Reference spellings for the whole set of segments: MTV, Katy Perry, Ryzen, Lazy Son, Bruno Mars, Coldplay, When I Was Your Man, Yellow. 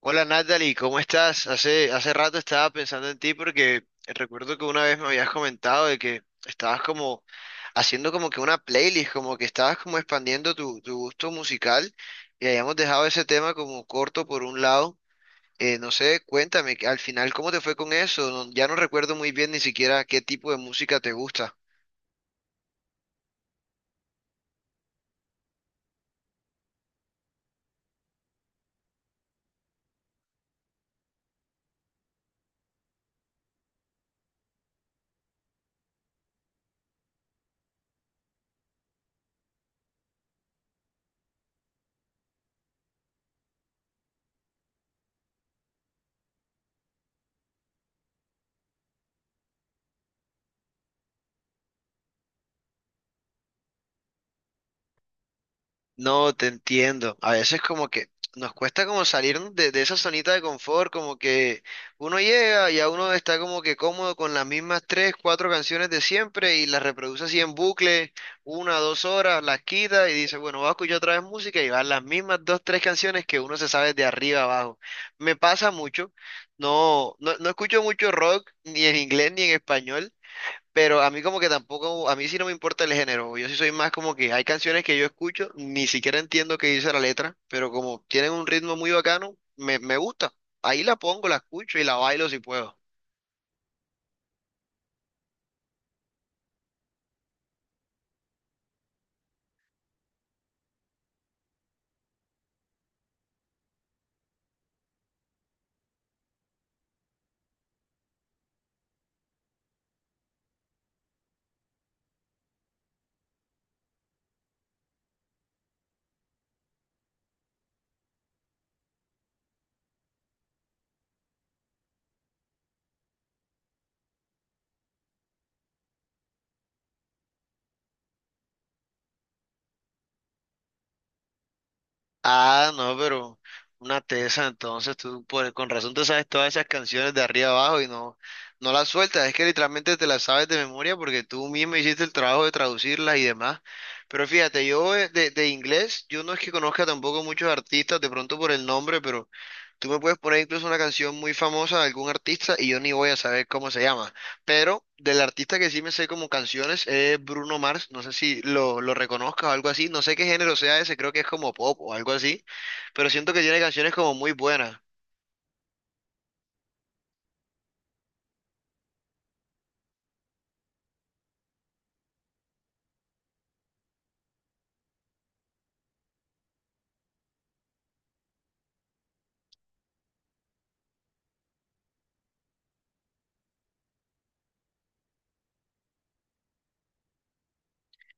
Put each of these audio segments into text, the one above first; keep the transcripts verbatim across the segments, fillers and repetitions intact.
Hola Natalie, ¿cómo estás? Hace, hace rato estaba pensando en ti porque recuerdo que una vez me habías comentado de que estabas como haciendo como que una playlist, como que estabas como expandiendo tu, tu gusto musical y habíamos dejado ese tema como corto por un lado. Eh, no sé, cuéntame, que al final, ¿cómo te fue con eso? No- ya no recuerdo muy bien ni siquiera qué tipo de música te gusta. No, te entiendo. A veces como que nos cuesta como salir de, de esa zonita de confort, como que uno llega y a uno está como que cómodo con las mismas tres, cuatro canciones de siempre y las reproduce así en bucle, una, dos horas, las quita y dice, bueno, voy a escuchar otra vez música y van las mismas dos, tres canciones que uno se sabe de arriba abajo. Me pasa mucho. No, no, no escucho mucho rock, ni en inglés ni en español. Pero a mí como que tampoco, a mí sí no me importa el género. Yo sí soy más como que hay canciones que yo escucho, ni siquiera entiendo qué dice la letra, pero como tienen un ritmo muy bacano, me, me gusta. Ahí la pongo, la escucho y la bailo si puedo. Ah, no, pero una tesa, entonces tú por, con razón te sabes todas esas canciones de arriba abajo y no, no las sueltas, es que literalmente te las sabes de memoria porque tú mismo hiciste el trabajo de traducirlas y demás. Pero fíjate, yo eh, de, de inglés, yo no es que conozca tampoco muchos artistas, de pronto por el nombre, pero tú me puedes poner incluso una canción muy famosa de algún artista y yo ni voy a saber cómo se llama. Pero del artista que sí me sé como canciones es Bruno Mars. No sé si lo, lo reconozcas o algo así. No sé qué género sea ese, creo que es como pop o algo así. Pero siento que tiene canciones como muy buenas.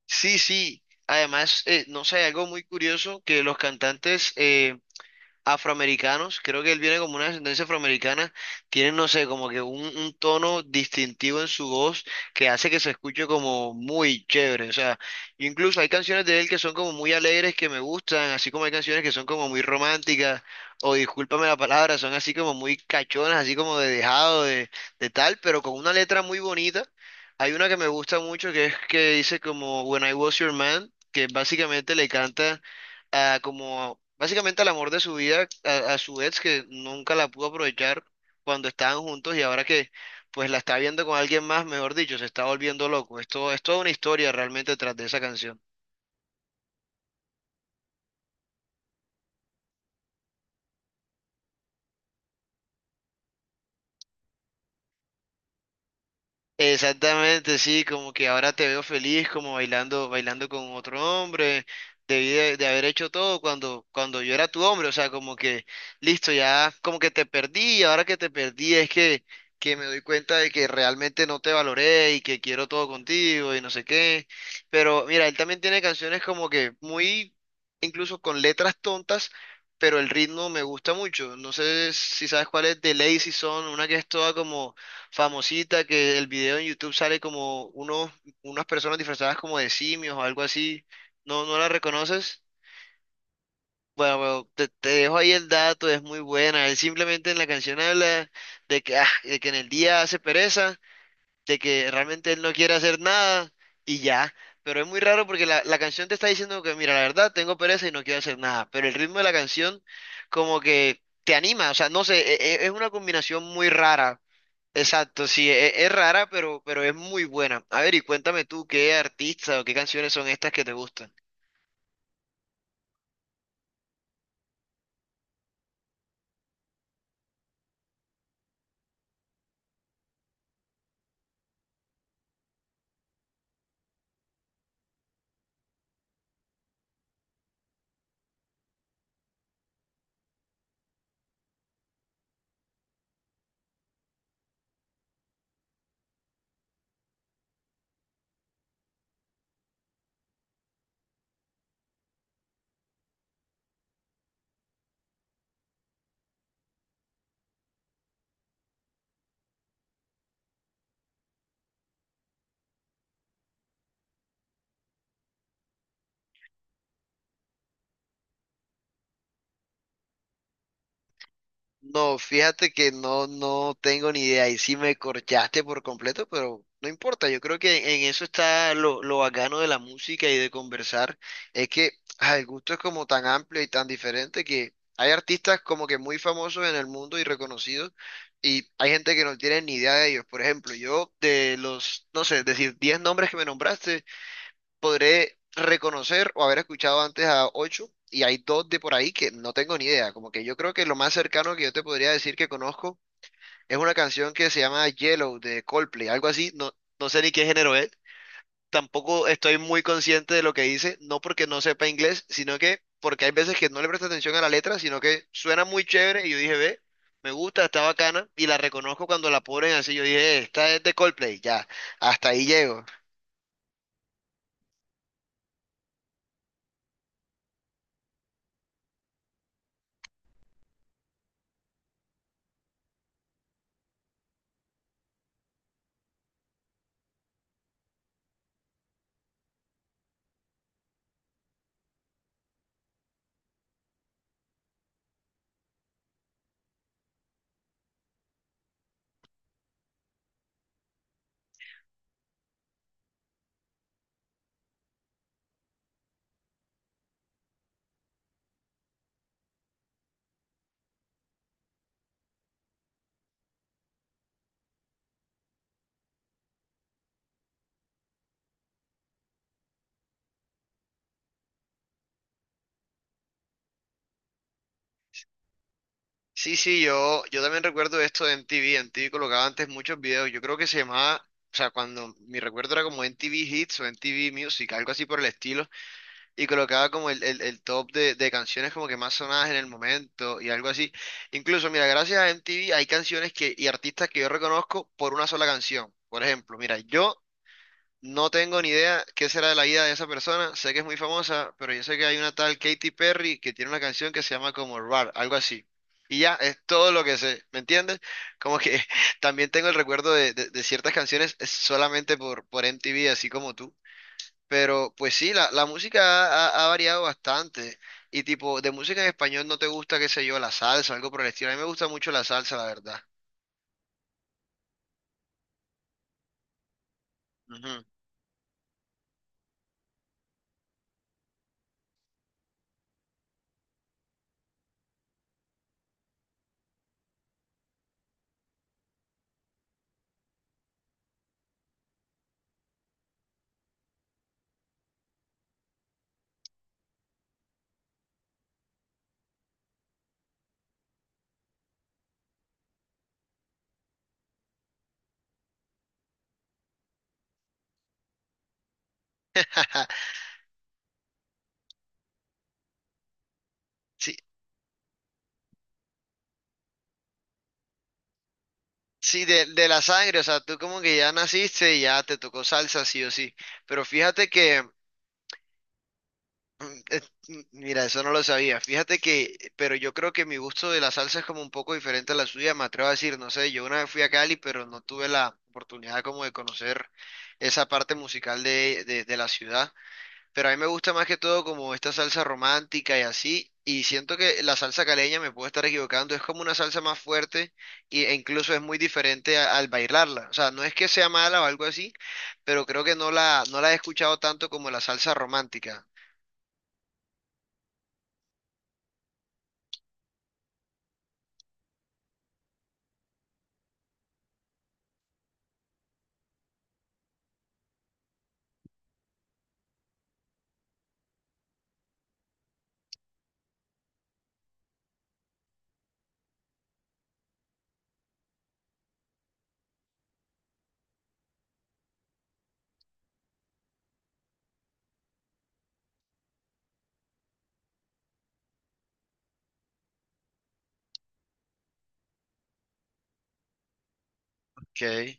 Sí, sí. Además, eh, no sé, algo muy curioso que los cantantes eh, afroamericanos, creo que él viene como una descendencia afroamericana, tienen, no sé, como que un, un tono distintivo en su voz que hace que se escuche como muy chévere, o sea, incluso hay canciones de él que son como muy alegres, que me gustan, así como hay canciones que son como muy románticas, o discúlpame la palabra, son así como muy cachonas, así como de dejado, de, de tal, pero con una letra muy bonita. Hay una que me gusta mucho que es que dice como When I Was Your Man, que básicamente le canta a como básicamente al amor de su vida, a, a su ex que nunca la pudo aprovechar cuando estaban juntos y ahora que pues la está viendo con alguien más, mejor dicho, se está volviendo loco. Esto es toda una historia realmente tras de esa canción. Exactamente, sí, como que ahora te veo feliz, como bailando, bailando con otro hombre, debí de, de haber hecho todo cuando, cuando yo era tu hombre, o sea, como que, listo, ya, como que te perdí, y ahora que te perdí es que, que me doy cuenta de que realmente no te valoré y que quiero todo contigo y no sé qué, pero mira, él también tiene canciones como que muy, incluso con letras tontas, pero el ritmo me gusta mucho, no sé si sabes cuál es, de Lazy Son, una que es toda como famosita que el video en YouTube sale como unos, unas personas disfrazadas como de simios o algo así. ¿No, no la reconoces? Bueno, bueno, te, te dejo ahí el dato, es muy buena. Él simplemente en la canción habla de que, ah, de que en el día hace pereza, de que realmente él no quiere hacer nada y ya. Pero es muy raro porque la, la canción te está diciendo que, mira, la verdad, tengo pereza y no quiero hacer nada. Pero el ritmo de la canción como que te anima, o sea, no sé, e- e- es una combinación muy rara. Exacto, sí, e- es, rara, pero, pero es muy buena. A ver, y cuéntame tú, ¿qué artista o qué canciones son estas que te gustan? No, fíjate que no, no tengo ni idea. Y sí me corchaste por completo, pero no importa. Yo creo que en eso está lo, lo bacano de la música y de conversar. Es que ah, el gusto es como tan amplio y tan diferente que hay artistas como que muy famosos en el mundo y reconocidos, y hay gente que no tiene ni idea de ellos. Por ejemplo, yo de los, no sé, decir diez nombres que me nombraste. Podré reconocer o haber escuchado antes a ocho y hay dos de por ahí que no tengo ni idea. Como que yo creo que lo más cercano que yo te podría decir que conozco es una canción que se llama Yellow de Coldplay, algo así. No, no sé ni qué género es. Tampoco estoy muy consciente de lo que dice, no porque no sepa inglés, sino que porque hay veces que no le presto atención a la letra, sino que suena muy chévere y yo dije, ve, me gusta, está bacana y la reconozco cuando la ponen así. Yo dije, "Eh, esta es de Coldplay, ya, hasta ahí llego. Sí, sí, yo, yo también recuerdo esto de M T V. M T V colocaba antes muchos videos. Yo creo que se llamaba, o sea, cuando mi recuerdo era como M T V Hits o M T V Music, algo así por el estilo. Y colocaba como el, el, el top de, de canciones como que más sonadas en el momento y algo así. Incluso, mira, gracias a M T V hay canciones que, y artistas que yo reconozco por una sola canción. Por ejemplo, mira, yo no tengo ni idea qué será de la vida de esa persona. Sé que es muy famosa, pero yo sé que hay una tal Katy Perry que tiene una canción que se llama como Rar, algo así. Y ya, es todo lo que sé, ¿me entiendes? Como que también tengo el recuerdo de, de- de ciertas canciones solamente por, por M T V, así como tú. Pero pues sí, la, la música ha, ha- ha variado bastante. Y tipo, de música en español no te gusta, qué sé yo, la salsa, algo por el estilo. A mí me gusta mucho la salsa, la verdad. Ujú. Sí, sí, de, de la sangre, o sea, tú como que ya naciste y ya te tocó salsa, sí o sí. Pero fíjate que, mm, es- mm, mira, eso no lo sabía. Fíjate que, pero yo creo que mi gusto de la salsa es como un poco diferente a la suya, me atrevo a decir, no sé, yo una vez fui a Cali, pero no tuve la oportunidad como de conocer esa parte musical de, de, de la ciudad. Pero a mí me gusta más que todo como esta salsa romántica y así. Y siento que la salsa caleña, me puedo estar equivocando, es como una salsa más fuerte y- e incluso es muy diferente a- al bailarla. O sea, no es que sea mala o algo así, pero creo que no la, no la he escuchado tanto como la salsa romántica. Okay.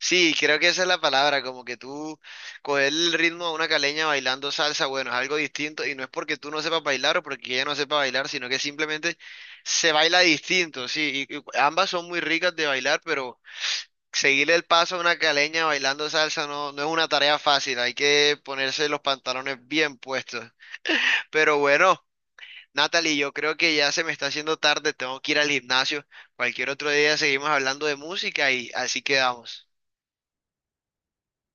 Sí, creo que esa es la palabra, como que tú coger el ritmo a una caleña bailando salsa, bueno, es algo distinto y no es porque tú no sepas bailar o porque ella no sepa bailar, sino que simplemente se baila distinto, sí, y y ambas son muy ricas de bailar, pero seguirle el paso a una caleña bailando salsa no, no es una tarea fácil, hay que ponerse los pantalones bien puestos. Pero bueno, Natalie, yo creo que ya se me está haciendo tarde, tengo que ir al gimnasio. Cualquier otro día seguimos hablando de música y así quedamos.